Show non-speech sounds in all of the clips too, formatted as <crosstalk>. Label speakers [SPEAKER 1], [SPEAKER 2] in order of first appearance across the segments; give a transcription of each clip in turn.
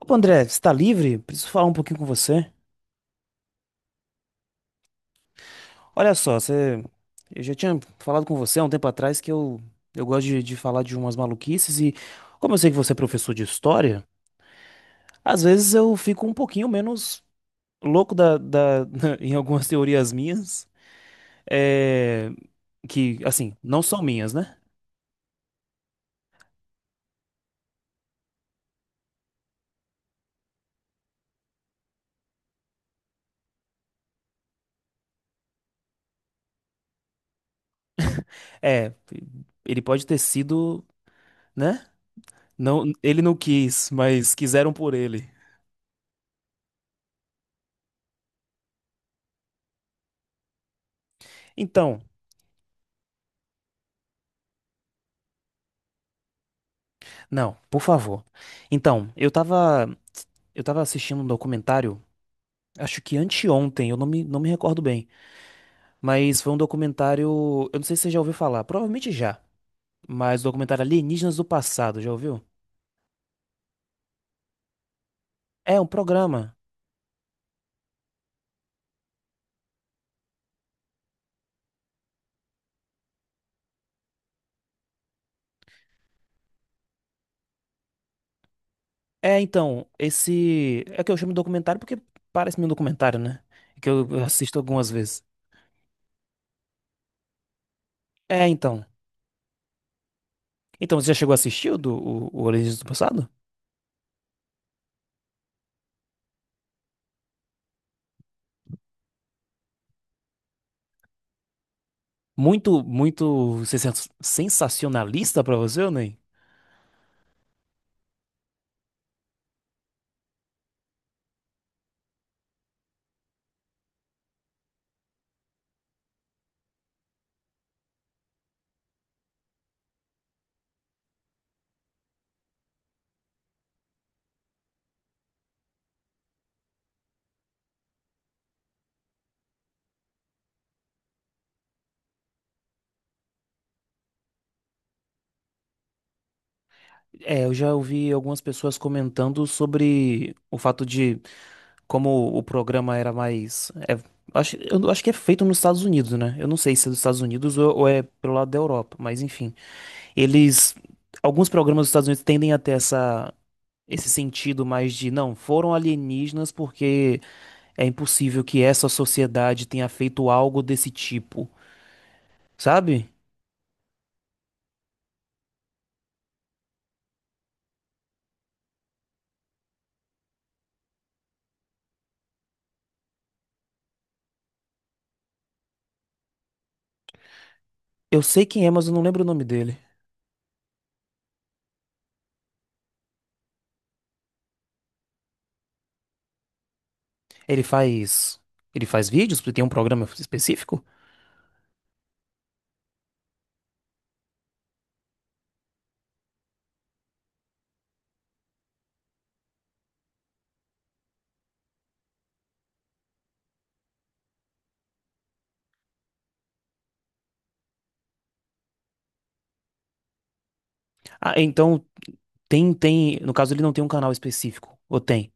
[SPEAKER 1] Opa, André, você tá livre? Preciso falar um pouquinho com você. Olha só, você... eu já tinha falado com você há um tempo atrás que eu gosto de falar de umas maluquices e, como eu sei que você é professor de história, às vezes eu fico um pouquinho menos louco da. <laughs> Em algumas teorias minhas, é... que, assim, não são minhas, né? É, ele pode ter sido, né? Não, ele não quis, mas quiseram por ele. Então. Não, por favor. Então, eu tava assistindo um documentário, acho que anteontem, eu não me recordo bem, mas foi um documentário, eu não sei se você já ouviu falar, provavelmente já, mas o documentário Alienígenas do Passado, já ouviu? É um programa. É, então, esse é que eu chamo de documentário porque parece-me um documentário, né? Que eu assisto algumas vezes. É, então. Então, você já chegou a assistir o Alienígenas do Passado? Muito sensacionalista pra você, ou nem? É, eu já ouvi algumas pessoas comentando sobre o fato de como o programa era mais. É, acho, eu não- acho que é feito nos Estados Unidos, né? Eu não sei se é dos Estados Unidos ou é pelo lado da Europa, mas enfim. Eles. Alguns programas dos Estados Unidos tendem a ter essa, esse sentido mais de, não, foram alienígenas porque é impossível que essa sociedade tenha feito algo desse tipo, sabe? Eu sei quem é, mas eu não lembro o nome dele. Ele faz. Ele faz vídeos? Porque tem um programa específico? Ah, então tem, tem. No caso, ele não tem um canal específico. Ou tem?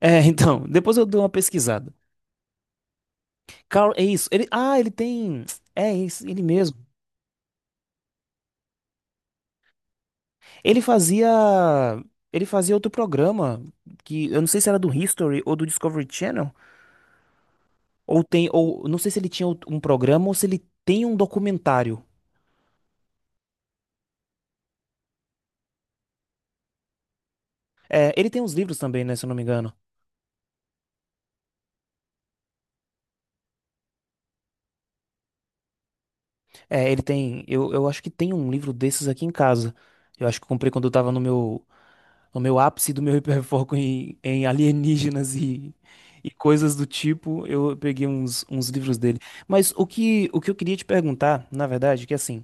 [SPEAKER 1] É, <laughs> então, depois eu dou uma pesquisada. Carl, é isso. Ele, ah, ele tem. É isso, ele mesmo. Ele fazia. Ele fazia outro programa que eu não sei se era do History ou do Discovery Channel. Ou tem, ou não sei se ele tinha um programa ou se ele tem um documentário. É, ele tem uns livros também, né, se eu não me engano. É, ele tem, eu acho que tem um livro desses aqui em casa. Eu acho que eu comprei quando eu tava no meu, no meu ápice do meu hiperfoco em alienígenas e coisas do tipo. Eu peguei uns livros dele. Mas o que eu queria te perguntar, na verdade, é que assim,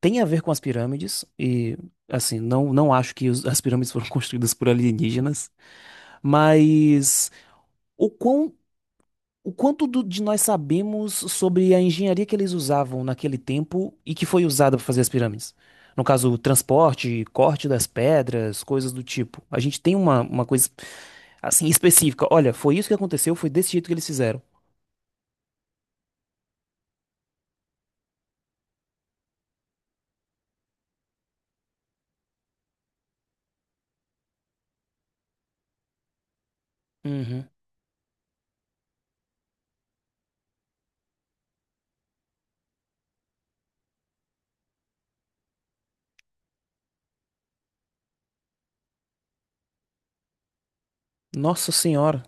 [SPEAKER 1] tem a ver com as pirâmides e assim, não, não acho que as pirâmides foram <laughs> construídas por alienígenas, mas o quão o quanto de nós sabemos sobre a engenharia que eles usavam naquele tempo e que foi usada para fazer as pirâmides? No caso, transporte, corte das pedras, coisas do tipo. A gente tem uma coisa assim específica. Olha, foi isso que aconteceu, foi desse jeito que eles fizeram. Uhum. Nossa Senhora.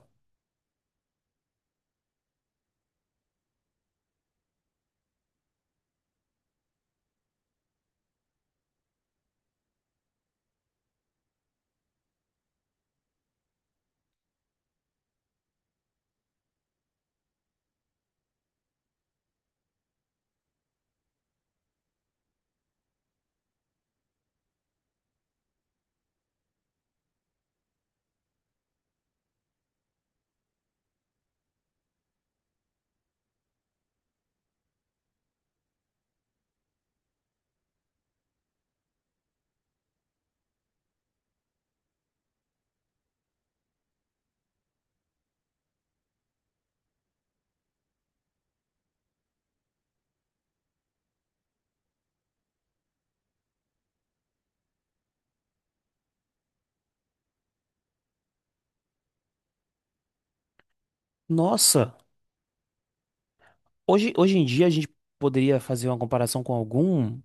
[SPEAKER 1] Nossa. Hoje, hoje em dia a gente poderia fazer uma comparação com algum,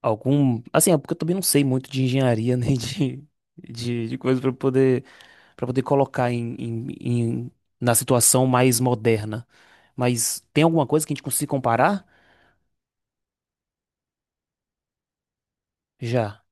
[SPEAKER 1] algum, assim, é porque eu também não sei muito de engenharia <laughs> nem de coisa para poder pra poder colocar na situação mais moderna. Mas tem alguma coisa que a gente consiga comparar? Já.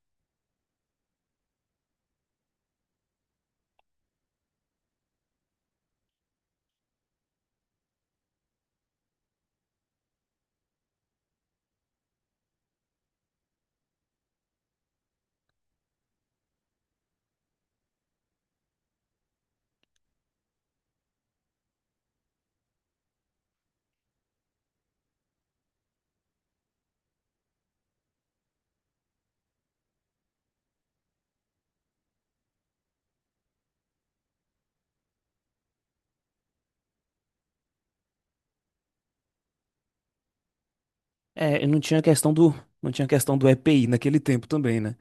[SPEAKER 1] É, eu não tinha questão do não tinha questão do EPI naquele tempo também, né?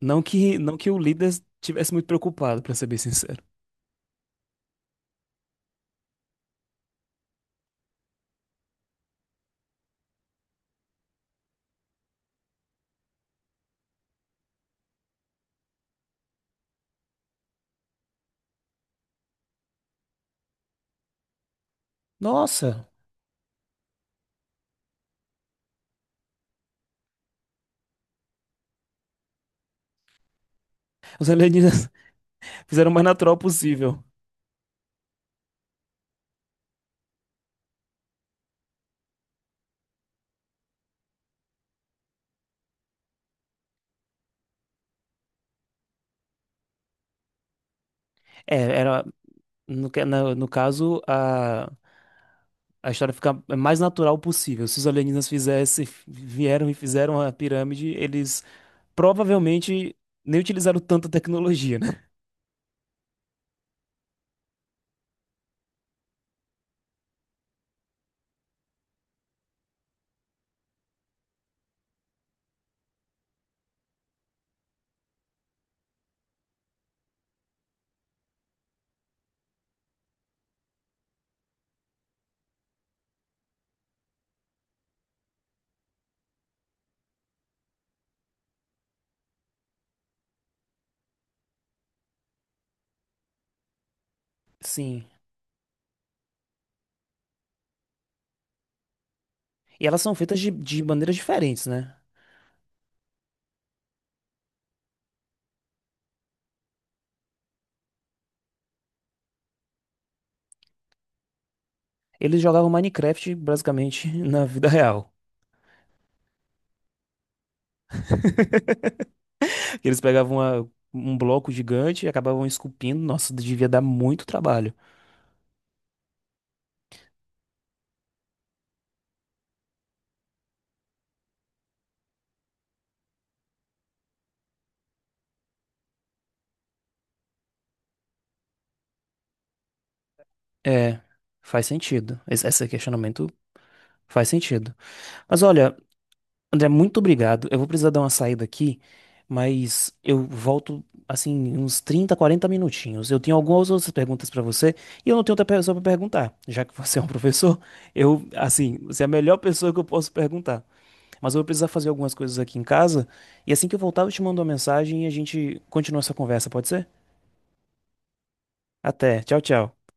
[SPEAKER 1] Não que o líder estivesse muito preocupado, pra ser bem sincero. Nossa, os alienígenas <laughs> fizeram o mais natural possível. É, era no caso a história fica mais natural possível. Se os alienígenas fizessem, vieram e fizeram a pirâmide, eles provavelmente nem utilizaram tanta tecnologia, né? Sim. E elas são feitas de maneiras diferentes, né? Eles jogavam Minecraft basicamente <laughs> na vida real. <laughs> Eles pegavam um bloco gigante e acabavam esculpindo. Nossa, devia dar muito trabalho. É, faz sentido. Esse questionamento faz sentido. Mas olha, André, muito obrigado. Eu vou precisar dar uma saída aqui, mas eu volto assim uns 30, 40 minutinhos. Eu tenho algumas outras perguntas pra você e eu não tenho outra pessoa pra perguntar, já que você é um <laughs> professor. Eu, assim, você é a melhor pessoa que eu posso perguntar. Mas eu vou precisar fazer algumas coisas aqui em casa e assim que eu voltar eu te mando uma mensagem e a gente continua essa conversa, pode ser? Até. Tchau, tchau.